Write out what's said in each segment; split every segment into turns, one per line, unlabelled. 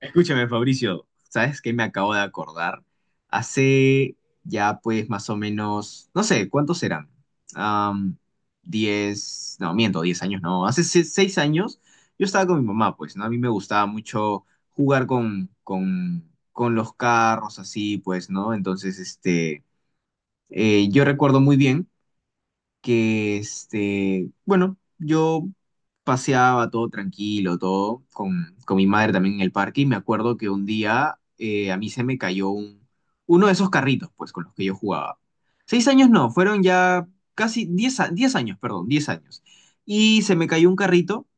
Escúchame, Fabricio, ¿sabes qué me acabo de acordar? Hace ya pues más o menos, no sé, ¿cuántos serán? Am, 10, no, miento, 10 años, no, hace 6 años yo estaba con mi mamá, pues, ¿no? A mí me gustaba mucho jugar con los carros, así, pues, ¿no? Entonces, este, yo recuerdo muy bien que, este, bueno, yo paseaba todo tranquilo, todo, con mi madre también en el parque, y me acuerdo que un día a mí se me cayó uno de esos carritos, pues, con los que yo jugaba. 6 años no, fueron ya casi 10, 10 años, perdón, 10 años. Y se me cayó un carrito,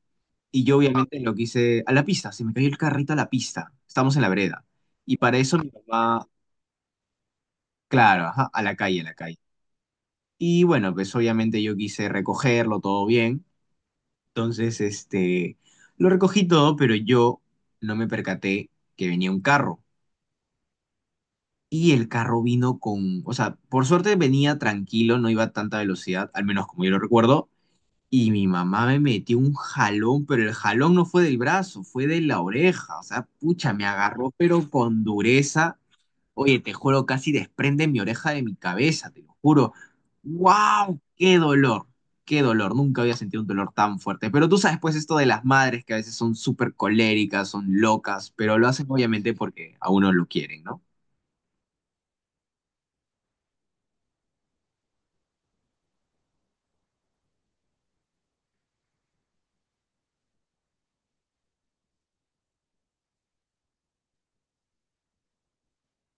y yo obviamente lo quise a la pista, se me cayó el carrito a la pista, estamos en la vereda. Y para eso mi mamá, claro, ajá, a la calle, a la calle. Y bueno, pues obviamente yo quise recogerlo todo bien. Entonces, este, lo recogí todo, pero yo no me percaté que venía un carro. Y el carro vino con, o sea, por suerte venía tranquilo, no iba a tanta velocidad, al menos como yo lo recuerdo. Y mi mamá me metió un jalón, pero el jalón no fue del brazo, fue de la oreja. O sea, pucha, me agarró, pero con dureza. Oye, te juro, casi desprenden mi oreja de mi cabeza, te lo juro. ¡Wow! ¡Qué dolor! ¡Qué dolor! Nunca había sentido un dolor tan fuerte. Pero tú sabes, pues, esto de las madres que a veces son súper coléricas, son locas, pero lo hacen obviamente porque a uno lo quieren, ¿no?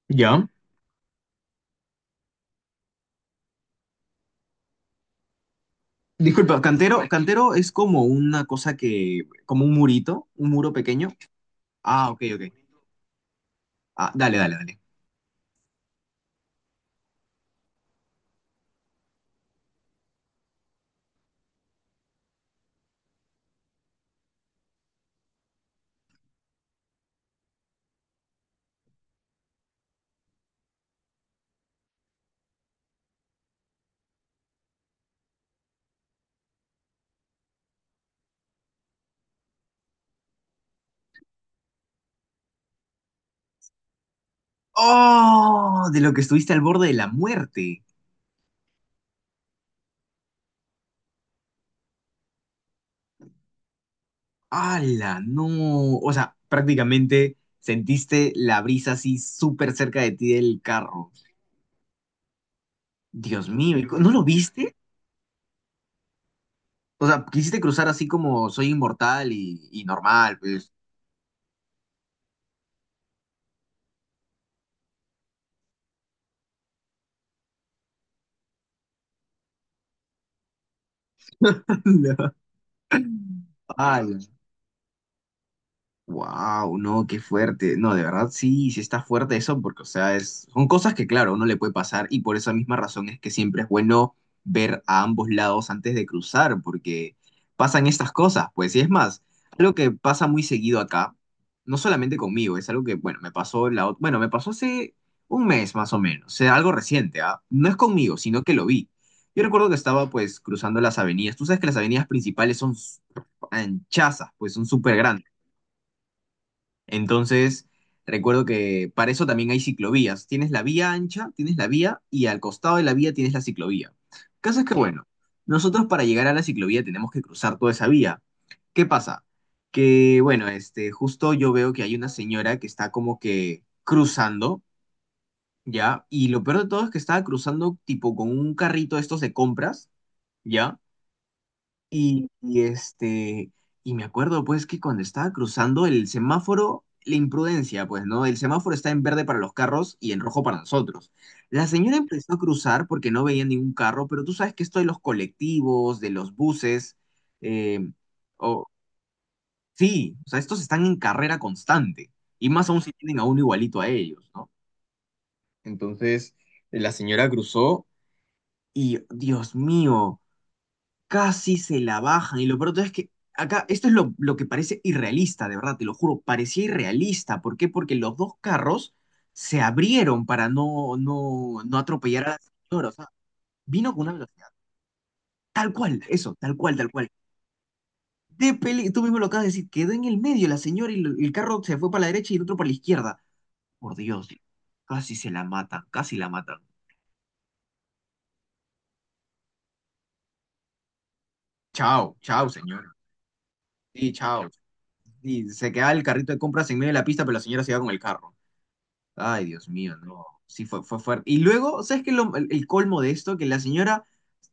¿Ya? Disculpa, cantero, cantero es como una cosa que, como un murito, un muro pequeño. Ah, ok, ok. Ah, dale, dale, dale. ¡Oh! De lo que estuviste al borde de la muerte. ¡Hala! No. O sea, prácticamente sentiste la brisa así súper cerca de ti del carro. Dios mío, ¿no lo viste? O sea, quisiste cruzar así como soy inmortal y normal, pues. ¡Hala! Wow, no, qué fuerte. No, de verdad sí, sí está fuerte eso, porque, o sea, es, son cosas que, claro, uno le puede pasar y por esa misma razón es que siempre es bueno ver a ambos lados antes de cruzar, porque pasan estas cosas, pues, y es más, algo que pasa muy seguido acá, no solamente conmigo, es algo que, bueno, me pasó la, bueno, me pasó hace un mes más o menos, o sea, algo reciente, ¿ah? No es conmigo, sino que lo vi. Yo recuerdo que estaba, pues, cruzando las avenidas. Tú sabes que las avenidas principales son anchazas, pues, son súper grandes. Entonces, recuerdo que para eso también hay ciclovías. Tienes la vía ancha, tienes la vía y al costado de la vía tienes la ciclovía. El caso es que, sí, bueno, nosotros para llegar a la ciclovía tenemos que cruzar toda esa vía. ¿Qué pasa? Que, bueno, este, justo yo veo que hay una señora que está como que cruzando, ¿ya? Y lo peor de todo es que estaba cruzando tipo con un carrito de estos de compras, ¿ya? Y, este, y me acuerdo pues que cuando estaba cruzando el semáforo, la imprudencia, pues, ¿no? El semáforo está en verde para los carros y en rojo para nosotros. La señora empezó a cruzar porque no veía ningún carro, pero tú sabes que esto de los colectivos, de los buses, eh, o, sí, o sea, estos están en carrera constante, y más aún si tienen a uno igualito a ellos, ¿no? Entonces, la señora cruzó y, Dios mío, casi se la bajan. Y lo peor de todo es que acá, esto es lo que parece irrealista, de verdad, te lo juro, parecía irrealista. ¿Por qué? Porque los dos carros se abrieron para no atropellar a la señora. O sea, vino con una velocidad. Tal cual, eso, tal cual, tal cual. De peli, tú mismo lo acabas de decir, quedó en el medio la señora y lo- el carro se fue para la derecha y el otro para la izquierda. Por Dios, casi se la matan, casi la matan. Chao, chao, señora. Sí, chao. Y se queda el carrito de compras en medio de la pista, pero la señora se va con el carro. Ay, Dios mío, no. Sí, fue fuerte. Y luego, ¿sabes qué? Es el colmo de esto, que la señora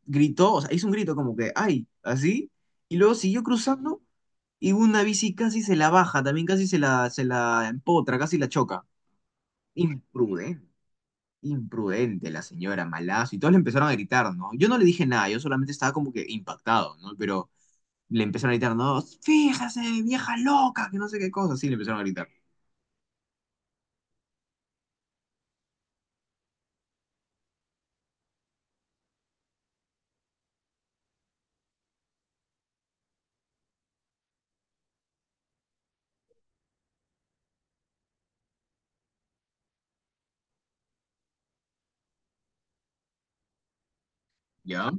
gritó, o sea, hizo un grito como que, ay, así, y luego siguió cruzando y una bici casi se la baja, también casi se la empotra, casi la choca. Imprudente, imprudente la señora, malazo. Y todos le empezaron a gritar, ¿no? Yo no le dije nada, yo solamente estaba como que impactado, ¿no? Pero le empezaron a gritar, no, fíjese, vieja loca, que no sé qué cosa, sí, le empezaron a gritar, ¿ya?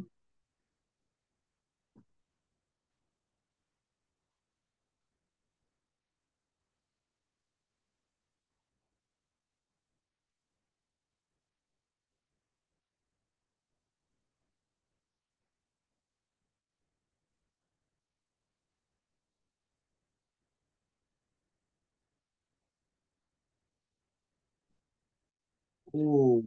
Uh,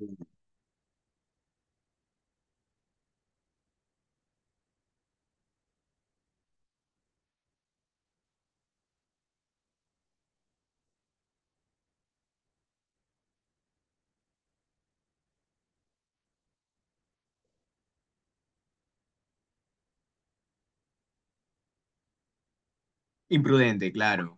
Imprudente, claro.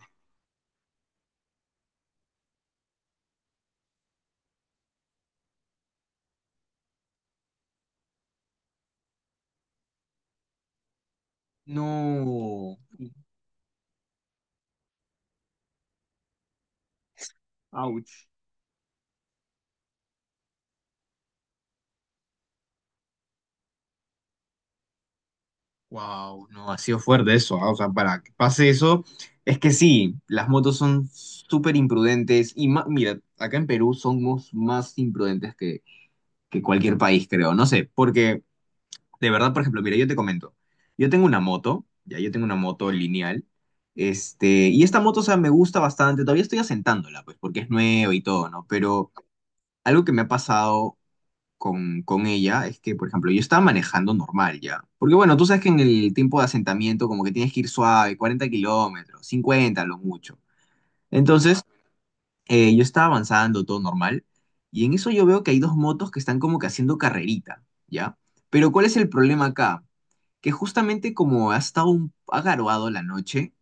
No, Ouch. Wow, no, ha sido fuerte eso, o sea, para que pase eso, es que sí, las motos son súper imprudentes y mira, acá en Perú somos más imprudentes que cualquier país, creo, no sé, porque de verdad, por ejemplo, mira, yo te comento, yo tengo una moto, ya yo tengo una moto lineal, este, y esta moto, o sea, me gusta bastante, todavía estoy asentándola, pues, porque es nueva y todo, ¿no? Pero algo que me ha pasado con ella es que, por ejemplo, yo estaba manejando normal ya. Porque bueno, tú sabes que en el tiempo de asentamiento como que tienes que ir suave, 40 kilómetros, 50 lo mucho. Entonces, yo estaba avanzando todo normal y en eso yo veo que hay dos motos que están como que haciendo carrerita, ¿ya? Pero ¿cuál es el problema acá? Que justamente como ha estado ha garoado la noche,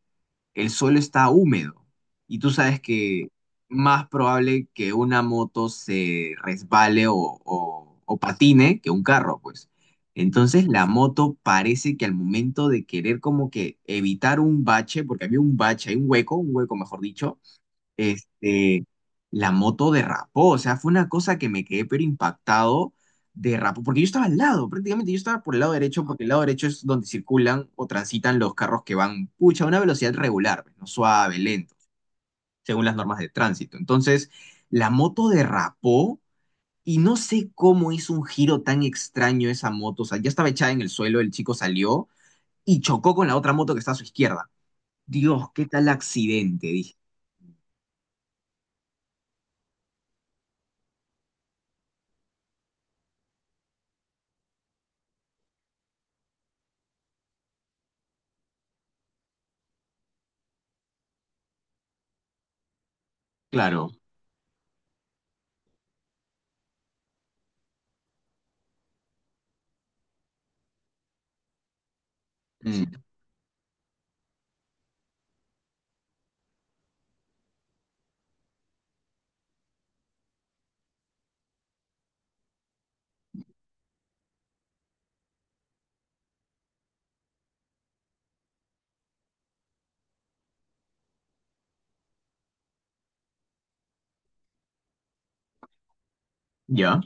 el suelo está húmedo y tú sabes que más probable que una moto se resbale o patine que un carro, pues. Entonces la moto parece que al momento de querer como que evitar un bache, porque había un bache, hay un hueco mejor dicho, este, la moto derrapó, o sea, fue una cosa que me quedé pero impactado, derrapó, porque yo estaba al lado, prácticamente yo estaba por el lado derecho, porque el lado derecho es donde circulan o transitan los carros que van, pucha, a una velocidad regular, pues, no suave, lento, según las normas de tránsito. Entonces, la moto derrapó. Y no sé cómo hizo un giro tan extraño esa moto. O sea, ya estaba echada en el suelo, el chico salió y chocó con la otra moto que está a su izquierda. Dios, qué tal accidente, dije. Claro. Mm, ¿ya?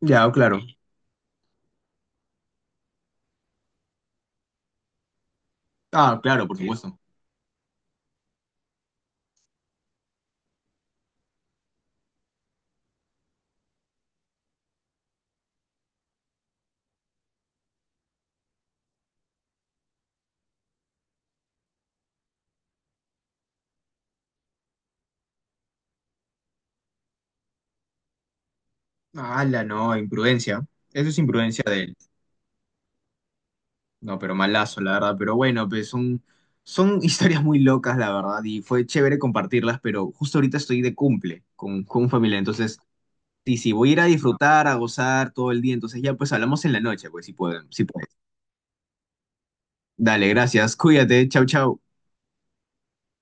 Ya, claro. Ah, claro, por, sí, supuesto. La no, imprudencia. Eso es imprudencia de él. No, pero malazo, la verdad. Pero bueno, pues son historias muy locas, la verdad. Y fue chévere compartirlas, pero justo ahorita estoy de cumple con familia. Entonces, sí, sí, voy a ir a disfrutar, a gozar todo el día. Entonces ya, pues hablamos en la noche, pues si pueden, si pueden. Dale, gracias. Cuídate. Chau, chau.